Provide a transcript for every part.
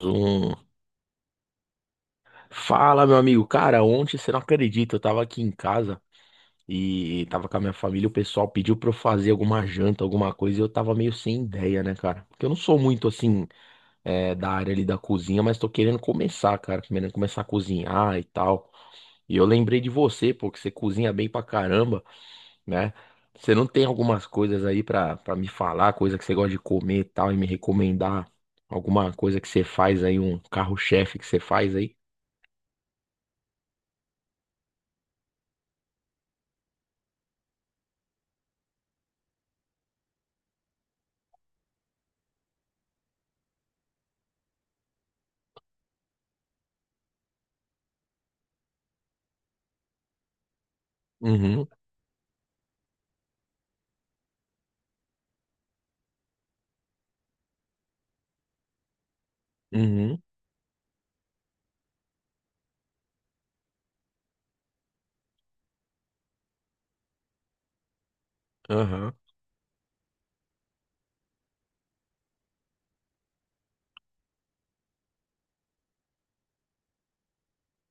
Um... Fala, meu amigo. Cara, ontem você não acredita, eu tava aqui em casa e tava com a minha família. O pessoal pediu pra eu fazer alguma janta, alguma coisa, e eu tava meio sem ideia, né, cara? Porque eu não sou muito assim, da área ali da cozinha, mas tô querendo começar, cara. Querendo começar a cozinhar e tal. E eu lembrei de você, pô, que você cozinha bem pra caramba, né? Você não tem algumas coisas aí pra me falar, coisa que você gosta de comer e tal, e me recomendar alguma coisa que você faz aí, um carro-chefe que você faz aí? Uhum. Uhum, aham.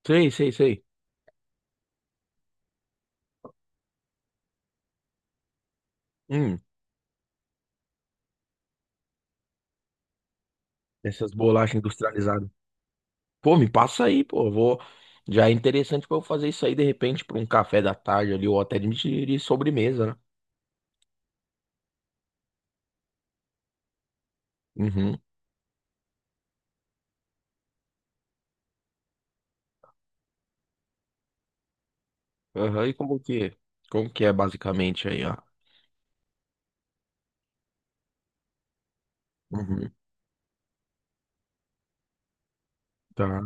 Sei, sei, sei. Hum. Essas bolachas industrializadas. Pô, me passa aí, pô. Já é interessante pra eu fazer isso aí de repente pra um café da tarde ali, ou até de sobremesa, né? Uhum. Aham, e como que é basicamente aí, ó? Uhum. Tá.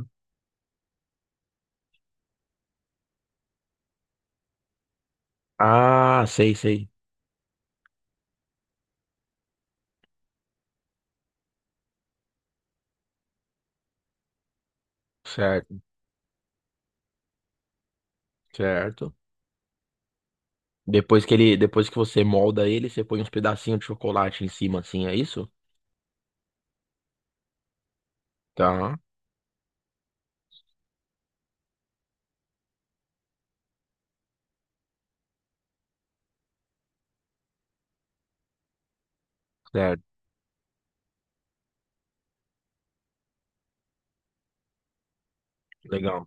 Ah, sei, sei. Certo, certo. Depois que você molda ele, você põe uns pedacinhos de chocolate em cima, assim, é isso? Tá, certo. Legal.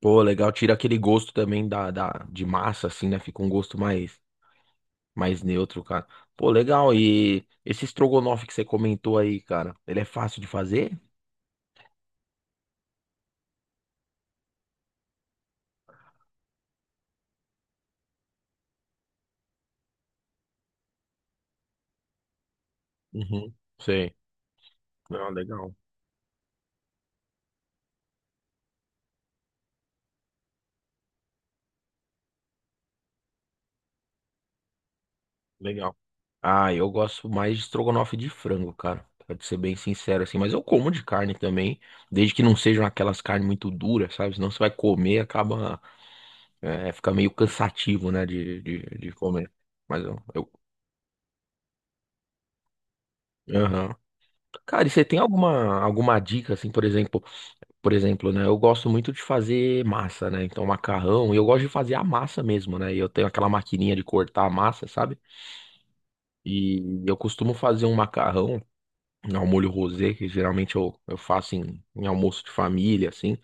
Pô, legal, tira aquele gosto também de massa, assim, né? Fica um gosto mais neutro, cara. Pô, legal, e esse estrogonofe que você comentou aí, cara, ele é fácil de fazer? Uhum. Sei. Não, legal, legal. Ah, eu gosto mais de estrogonofe de frango, cara, pra te ser bem sincero, assim, mas eu como de carne também, desde que não sejam aquelas carnes muito duras, sabe? Senão você vai comer, e acaba, fica meio cansativo, né, de comer. Mas eu, aham. Cara, e você tem alguma dica, assim, por exemplo, né? Eu gosto muito de fazer massa, né? Então, macarrão, e eu gosto de fazer a massa mesmo, né? E eu tenho aquela maquininha de cortar a massa, sabe? E eu costumo fazer um macarrão ao molho rosé, que geralmente eu faço em almoço de família, assim.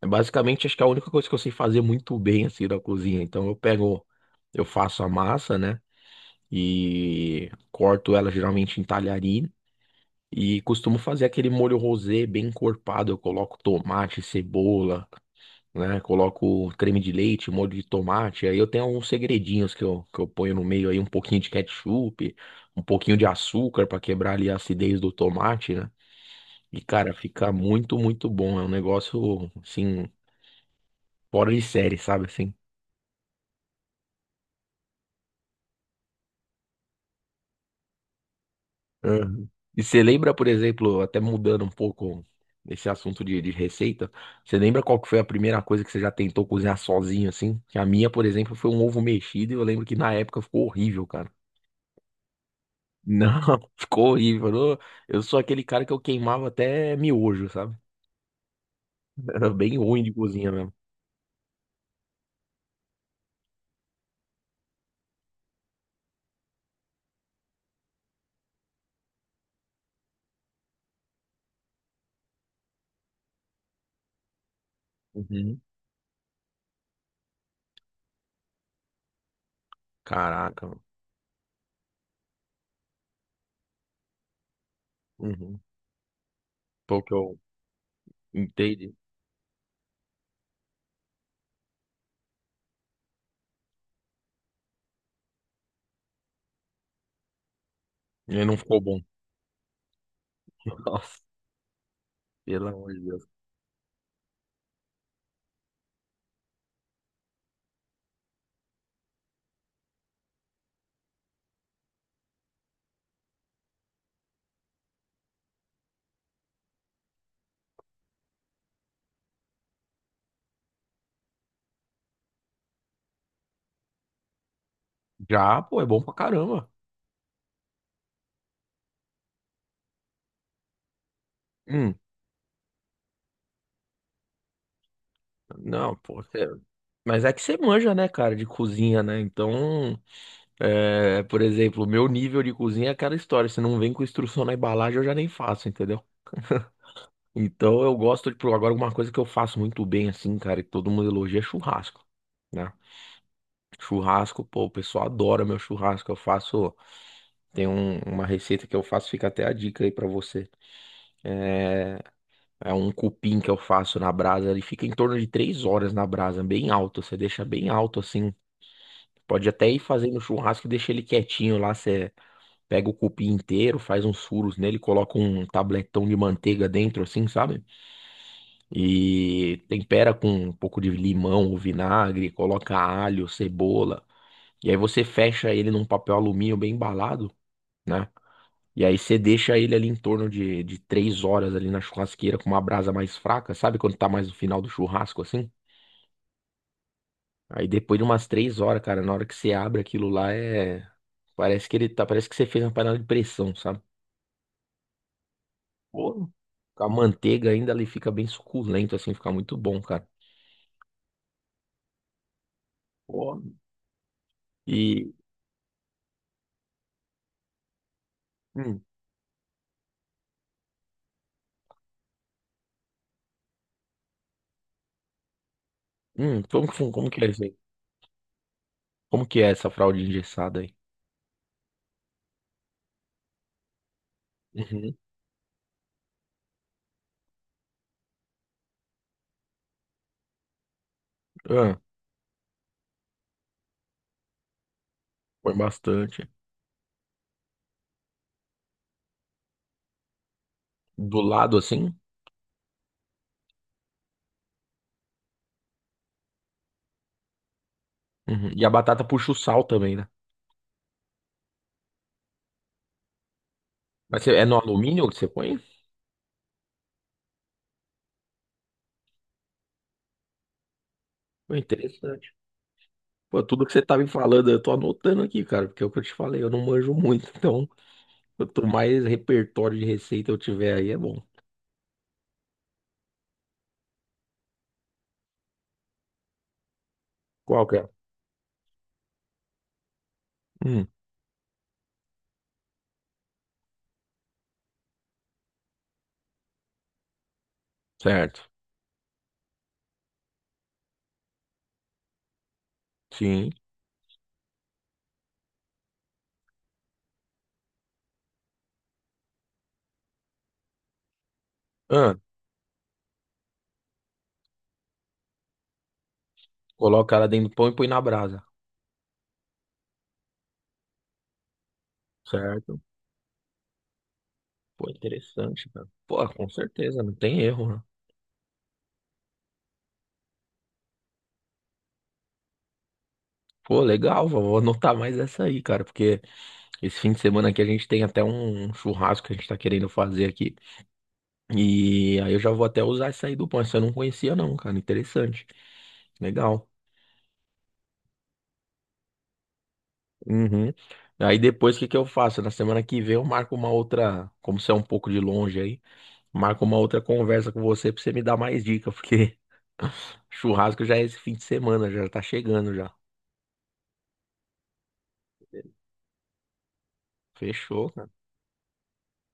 É basicamente, acho que é a única coisa que eu sei fazer muito bem, assim, da cozinha. Então, eu pego, eu faço a massa, né? E corto ela geralmente em talharina. E costumo fazer aquele molho rosé bem encorpado. Eu coloco tomate, cebola, né? Coloco creme de leite, molho de tomate. Aí eu tenho alguns segredinhos que eu ponho no meio aí, um pouquinho de ketchup, um pouquinho de açúcar para quebrar ali a acidez do tomate, né? E, cara, fica muito, muito bom. É um negócio, assim, fora de série, sabe? Assim. Uhum. E você lembra, por exemplo, até mudando um pouco esse assunto de receita, você lembra qual que foi a primeira coisa que você já tentou cozinhar sozinho, assim? Que a minha, por exemplo, foi um ovo mexido e eu lembro que na época ficou horrível, cara. Não, ficou horrível. Eu sou aquele cara que eu queimava até miojo, sabe? Era bem ruim de cozinha mesmo. Uhum. Caraca, mano. Uhum. Pô, que eu entendi. E não ficou bom. Nossa, pelo amor de Deus. Já, pô, é bom pra caramba. Não, pô. Mas é que você manja, né, cara, de cozinha, né? Então, por exemplo, o meu nível de cozinha é aquela história. Se não vem com instrução na embalagem, eu já nem faço, entendeu? Então eu gosto de. Agora, uma coisa que eu faço muito bem, assim, cara, que todo mundo elogia é churrasco, né? Churrasco, pô, o pessoal adora meu churrasco. Eu faço. Tem uma receita que eu faço, fica até a dica aí pra você. É, é um cupim que eu faço na brasa, ele fica em torno de 3 horas na brasa, bem alto. Você deixa bem alto assim. Pode até ir fazendo churrasco e deixa ele quietinho lá. Você pega o cupim inteiro, faz uns furos nele, coloca um tabletão de manteiga dentro, assim, sabe? E tempera com um pouco de limão ou vinagre, coloca alho, cebola. E aí você fecha ele num papel alumínio bem embalado, né? E aí você deixa ele ali em torno de 3 horas ali na churrasqueira com uma brasa mais fraca, sabe quando tá mais no final do churrasco assim? Aí depois de umas 3 horas, cara, na hora que você abre aquilo lá é. Parece que ele tá. Parece que você fez uma panela de pressão, sabe? Pô, com a manteiga ainda ele fica bem suculento, assim, fica muito bom, cara. Pô. E. Hum, como que é isso aí? Como que é essa fralda engessada aí? Uhum. Ah, põe bastante. Do lado assim? Uhum. E a batata puxa o sal também, né? É no alumínio que você põe? Pô, interessante. Pô, tudo que você tá me falando, eu tô anotando aqui, cara, porque é o que eu te falei, eu não manjo muito. Então, quanto mais repertório de receita eu tiver aí, é bom. Qual que é? Hum, Certo. Sim. Ah, coloca ela dentro do pão e põe na brasa. Certo. Pô, interessante, cara. Pô, com certeza, não tem erro, né? Pô, legal, vó, vou anotar mais essa aí, cara, porque esse fim de semana aqui a gente tem até um churrasco que a gente tá querendo fazer aqui. E aí eu já vou até usar essa aí do pão. Essa eu não conhecia, não, cara. Interessante. Legal. Uhum. Aí depois o que que eu faço? Na semana que vem eu marco uma outra, como você é um pouco de longe aí, marco uma outra conversa com você pra você me dar mais dica, porque churrasco já é esse fim de semana, já tá chegando já. Fechou, cara.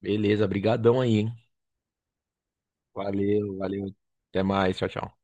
Beleza, brigadão aí, hein? Valeu, valeu. Até mais, tchau, tchau.